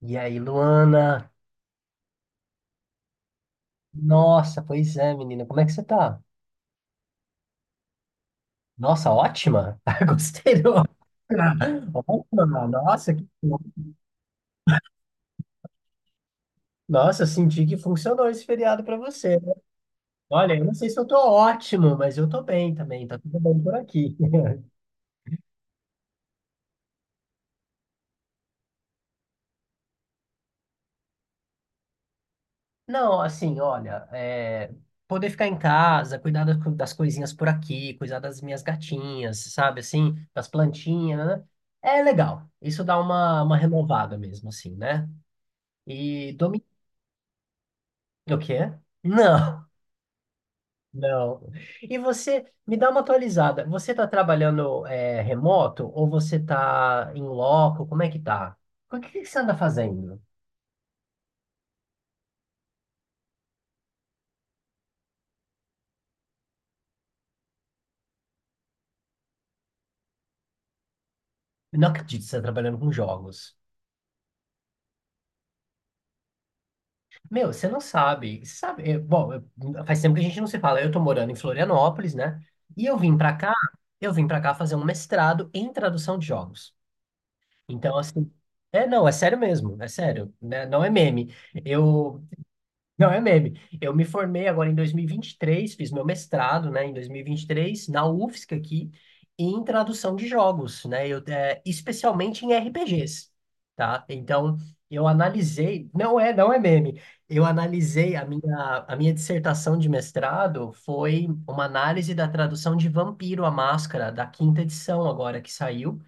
E aí, Luana? Nossa, pois é, menina. Como é que você tá? Nossa, ótima. Gostei do. Ótima. Nossa, que. Nossa, senti que funcionou esse feriado pra você, né? Olha, eu não sei se eu tô ótimo, mas eu tô bem também. Tá tudo bem por aqui. Não, assim, olha, é, poder ficar em casa, cuidar das coisinhas por aqui, cuidar das minhas gatinhas, sabe, assim, das plantinhas, né? É legal. Isso dá uma renovada mesmo, assim, né? E domingo. O quê? Não, não. E você, me dá uma atualizada. Você está trabalhando remoto ou você está em loco? Como é que tá? O que que você anda fazendo? Eu não acredito que você está trabalhando com jogos. Meu, você não sabe. Você sabe, bom, faz tempo que a gente não se fala. Eu tô morando em Florianópolis, né? E eu vim para cá, eu vim para cá fazer um mestrado em tradução de jogos. Então, assim, é, não, é sério mesmo, é sério, né? Não é meme. Eu, Não é meme. Eu me formei agora em dois mil e vinte e três. Fiz meu mestrado, né, em dois mil e vinte e três, na UFSC aqui, em tradução de jogos, né, eu, especialmente em RPGs, tá? Então, não é, não é meme, eu analisei, a minha dissertação de mestrado foi uma análise da tradução de Vampiro a Máscara, da quinta edição agora que saiu,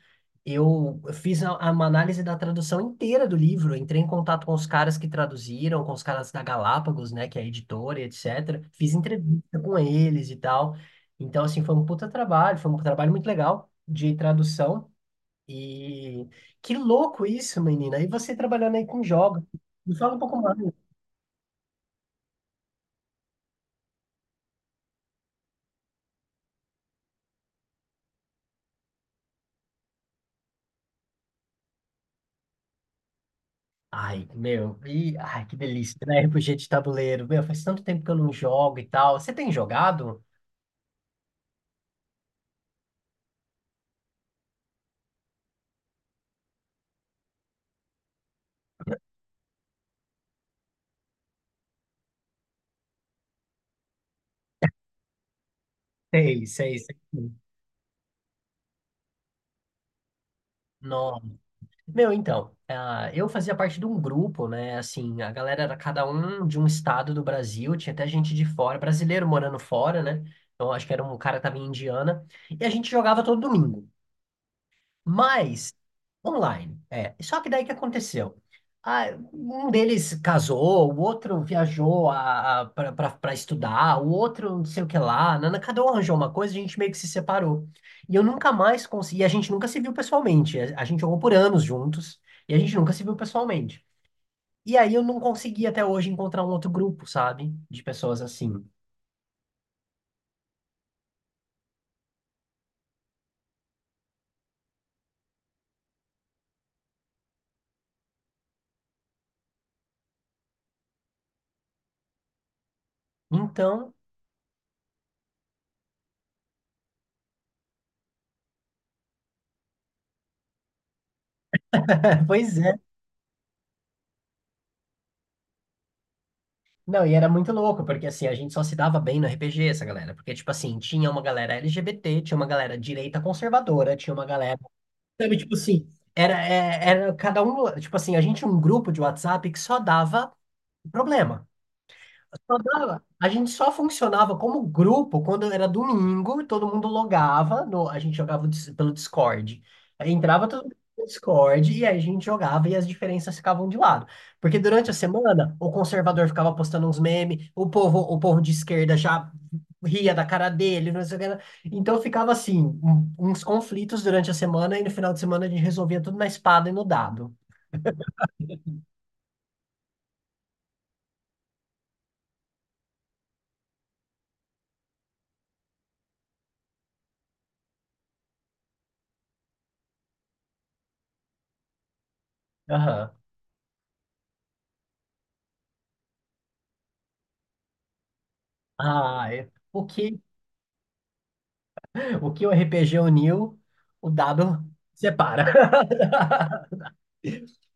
eu fiz uma análise da tradução inteira do livro, entrei em contato com os caras que traduziram, com os caras da Galápagos, né, que é a editora, e etc. Fiz entrevista com eles e tal. Então, assim, foi um puta trabalho, foi um trabalho muito legal de tradução. E que louco isso, menina. E você trabalhando aí com jogos. Me fala um pouco mais. Ai, meu, e, ai, que delícia, né? RPG de tabuleiro. Meu, faz tanto tempo que eu não jogo e tal. Você tem jogado? Sei, sei, sei. Meu, então, eu fazia parte de um grupo, né? Assim, a galera era cada um de um estado do Brasil, tinha até gente de fora, brasileiro morando fora, né? Então, acho que era um cara que tava em Indiana. E a gente jogava todo domingo. Mas, online, é. Só que daí que aconteceu? Ah, um deles casou, o outro viajou para estudar, o outro não sei o que lá. Nana, cada um arranjou uma coisa, a gente meio que se separou. E eu nunca mais consegui, e a gente nunca se viu pessoalmente. A gente jogou por anos juntos, e a gente nunca se viu pessoalmente. E aí eu não consegui até hoje encontrar um outro grupo, sabe? De pessoas assim. Então, pois é. Não, e era muito louco, porque assim, a gente só se dava bem no RPG, essa galera. Porque, tipo assim, tinha uma galera LGBT, tinha uma galera direita conservadora, tinha uma galera. Sabe, tipo assim, era cada um. Tipo assim, a gente tinha um grupo de WhatsApp que só dava problema. Só dava. A gente só funcionava como grupo quando era domingo, todo mundo logava, a gente jogava pelo Discord. Aí entrava todo mundo no Discord e aí a gente jogava e as diferenças ficavam de lado. Porque durante a semana, o conservador ficava postando uns memes, o povo de esquerda já ria da cara dele, não sei o que lá. Então ficava assim, um- uns conflitos durante a semana e no final de semana a gente resolvia tudo na espada e no dado. Aham. Ah, é. O que o RPG uniu, o dado separa.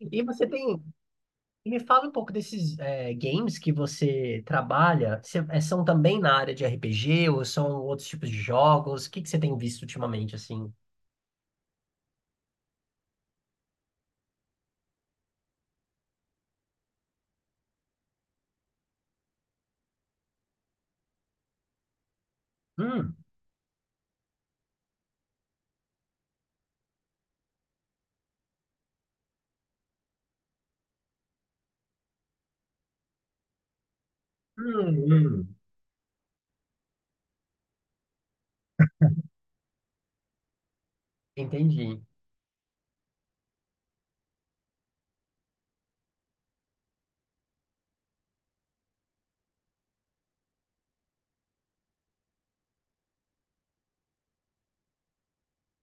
E você tem. Me fala um pouco desses games que você trabalha. São também na área de RPG ou são outros tipos de jogos? O que que você tem visto ultimamente, assim? Hum, hum, hum. Entendi.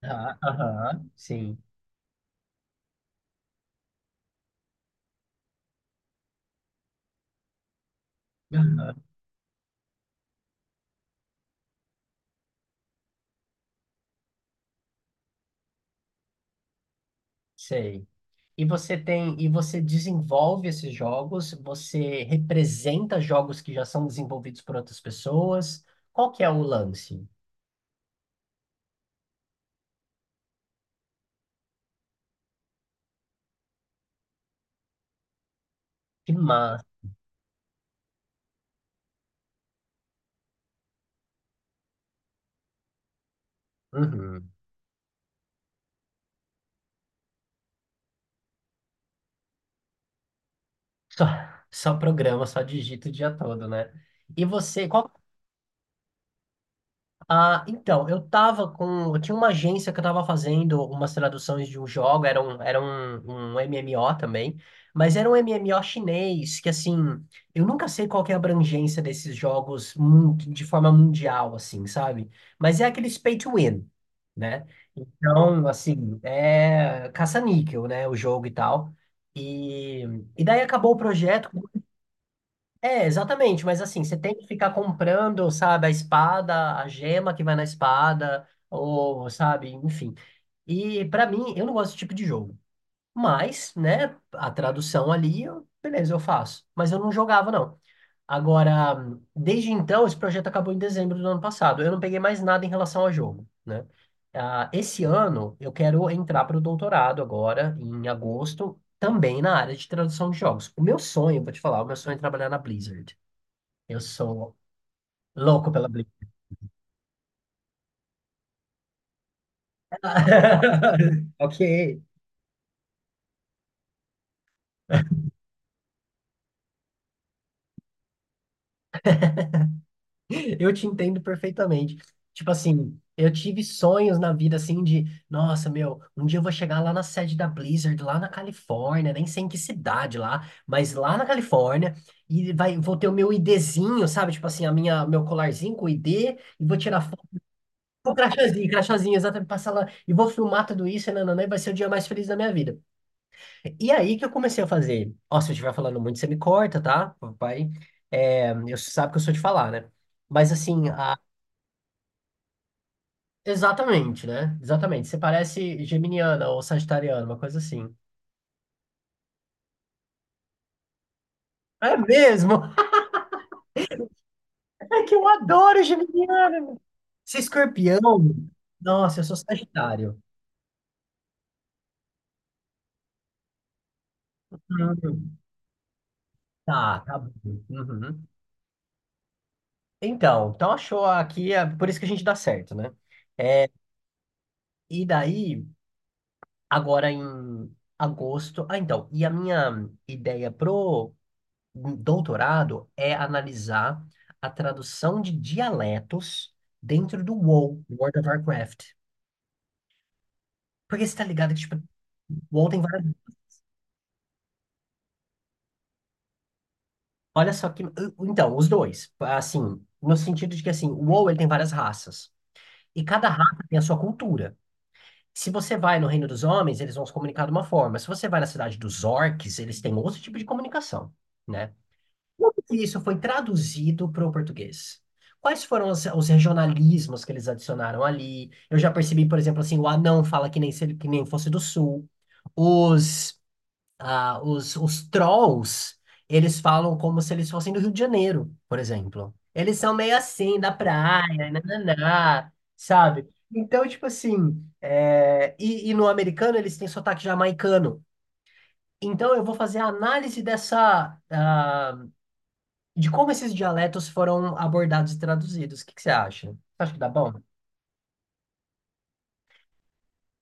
Ah, aham, sim. Aham, sei. E você tem, e você desenvolve esses jogos, você representa jogos que já são desenvolvidos por outras pessoas. Qual que é o lance? Que massa. Uhum. Só, só programa, só digita o dia todo, né? E você, qual. Ah, então, eu tava com. Eu tinha uma agência que eu tava fazendo umas traduções de um jogo, era um MMO também, mas era um MMO chinês, que assim, eu nunca sei qual que é a abrangência desses jogos de forma mundial, assim, sabe? Mas é aqueles pay to win, né? Então, assim, é caça-níquel, né? O jogo e tal. E, e daí acabou o projeto, é, exatamente, mas assim, você tem que ficar comprando, sabe, a espada, a gema que vai na espada, ou, sabe, enfim. E pra mim, eu não gosto desse tipo de jogo. Mas, né, a tradução ali, beleza, eu faço. Mas eu não jogava, não. Agora, desde então, esse projeto acabou em dezembro do ano passado. Eu não peguei mais nada em relação ao jogo, né? Ah, esse ano, eu quero entrar para o doutorado agora, em agosto, também na área de tradução de jogos. O meu sonho, vou te falar, o meu sonho é trabalhar na Blizzard. Eu sou louco pela Blink. Ok. Eu te entendo perfeitamente. Tipo assim, eu tive sonhos na vida assim de, nossa, meu, um dia eu vou chegar lá na sede da Blizzard, lá na Califórnia, nem sei em que cidade lá, mas lá na Califórnia, e vou ter o meu IDzinho, sabe? Tipo assim, a minha, meu colarzinho com o ID, e vou tirar foto, o crachazinho, crachazinho, exatamente, passar lá, e vou filmar tudo isso, e nananã, e vai ser o dia mais feliz da minha vida. E aí que eu comecei a fazer. Ó, se eu estiver falando muito, você me corta, tá? Vai. É, eu sabe que eu sou de falar, né? Mas assim, exatamente, né? Exatamente. Você parece geminiana ou sagitariana, uma coisa assim. É mesmo? É que eu adoro geminiano. Se escorpião, nossa, eu sou sagitário. Hum, tá, tá bom. Uhum. Então achou aqui, é por isso que a gente dá certo, né? É, e daí. Agora em agosto. Ah, então, e a minha ideia pro doutorado é analisar a tradução de dialetos dentro do WoW, World of Warcraft. Porque você tá ligado que, tipo, WoW tem várias. Olha só que. Então, os dois. Assim, no sentido de que, assim, o WoW, ele tem várias raças. E cada raça tem a sua cultura. Se você vai no Reino dos Homens, eles vão se comunicar de uma forma. Se você vai na cidade dos orcs, eles têm outro tipo de comunicação, né? Como que isso foi traduzido para o português? Quais foram os regionalismos que eles adicionaram ali? Eu já percebi, por exemplo, assim, o anão fala que nem, se ele- que nem fosse do sul. Os, os trolls, eles falam como se eles fossem do Rio de Janeiro, por exemplo. Eles são meio assim, da praia, nananá, sabe? Então, tipo assim, e no americano eles têm sotaque jamaicano. Então, eu vou fazer a análise dessa, de como esses dialetos foram abordados e traduzidos. O que que você acha? Você acha que dá bom?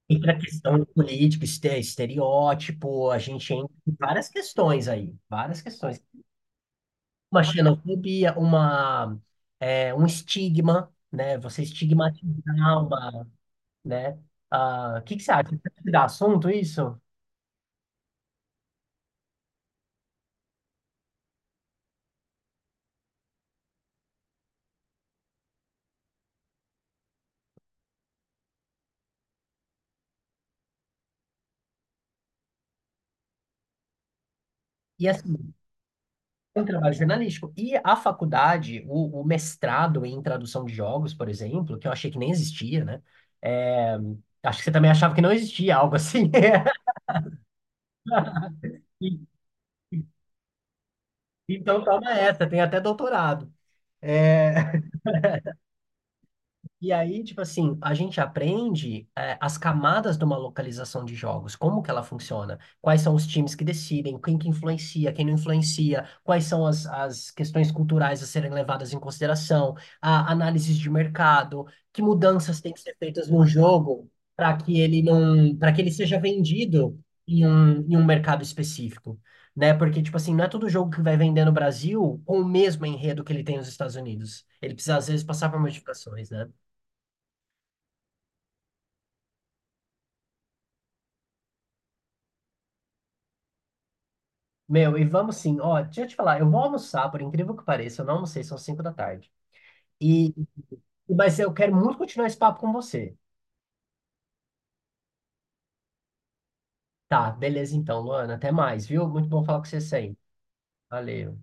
Entre a questão de político, estereótipo, a gente entra em várias questões aí, várias questões. Uma xenofobia, um estigma, né? Você estigmatizar uma, né? Ah, o que que você acha? Você acha que dá assunto isso? E assim, um trabalho jornalístico. E a faculdade, o mestrado em tradução de jogos, por exemplo, que eu achei que nem existia, né? É, acho que você também achava que não existia algo assim. E- Então toma essa, tem até doutorado. É, e aí, tipo assim, a gente aprende as camadas de uma localização de jogos, como que ela funciona, quais são os times que decidem, quem que influencia, quem não influencia, quais são as questões culturais a serem levadas em consideração, a análises de mercado, que mudanças têm que ser feitas no jogo para que ele não, para que ele seja vendido em um mercado específico. Né? Porque, tipo assim, não é todo jogo que vai vender no Brasil com o mesmo enredo que ele tem nos Estados Unidos. Ele precisa, às vezes, passar por modificações, né? Meu, e vamos sim. Ó, deixa eu te falar, eu vou almoçar, por incrível que pareça, eu não almocei, são 5 da tarde. E, mas eu quero muito continuar esse papo com você. Tá, beleza então, Luana. Até mais, viu? Muito bom falar com você sempre. Valeu.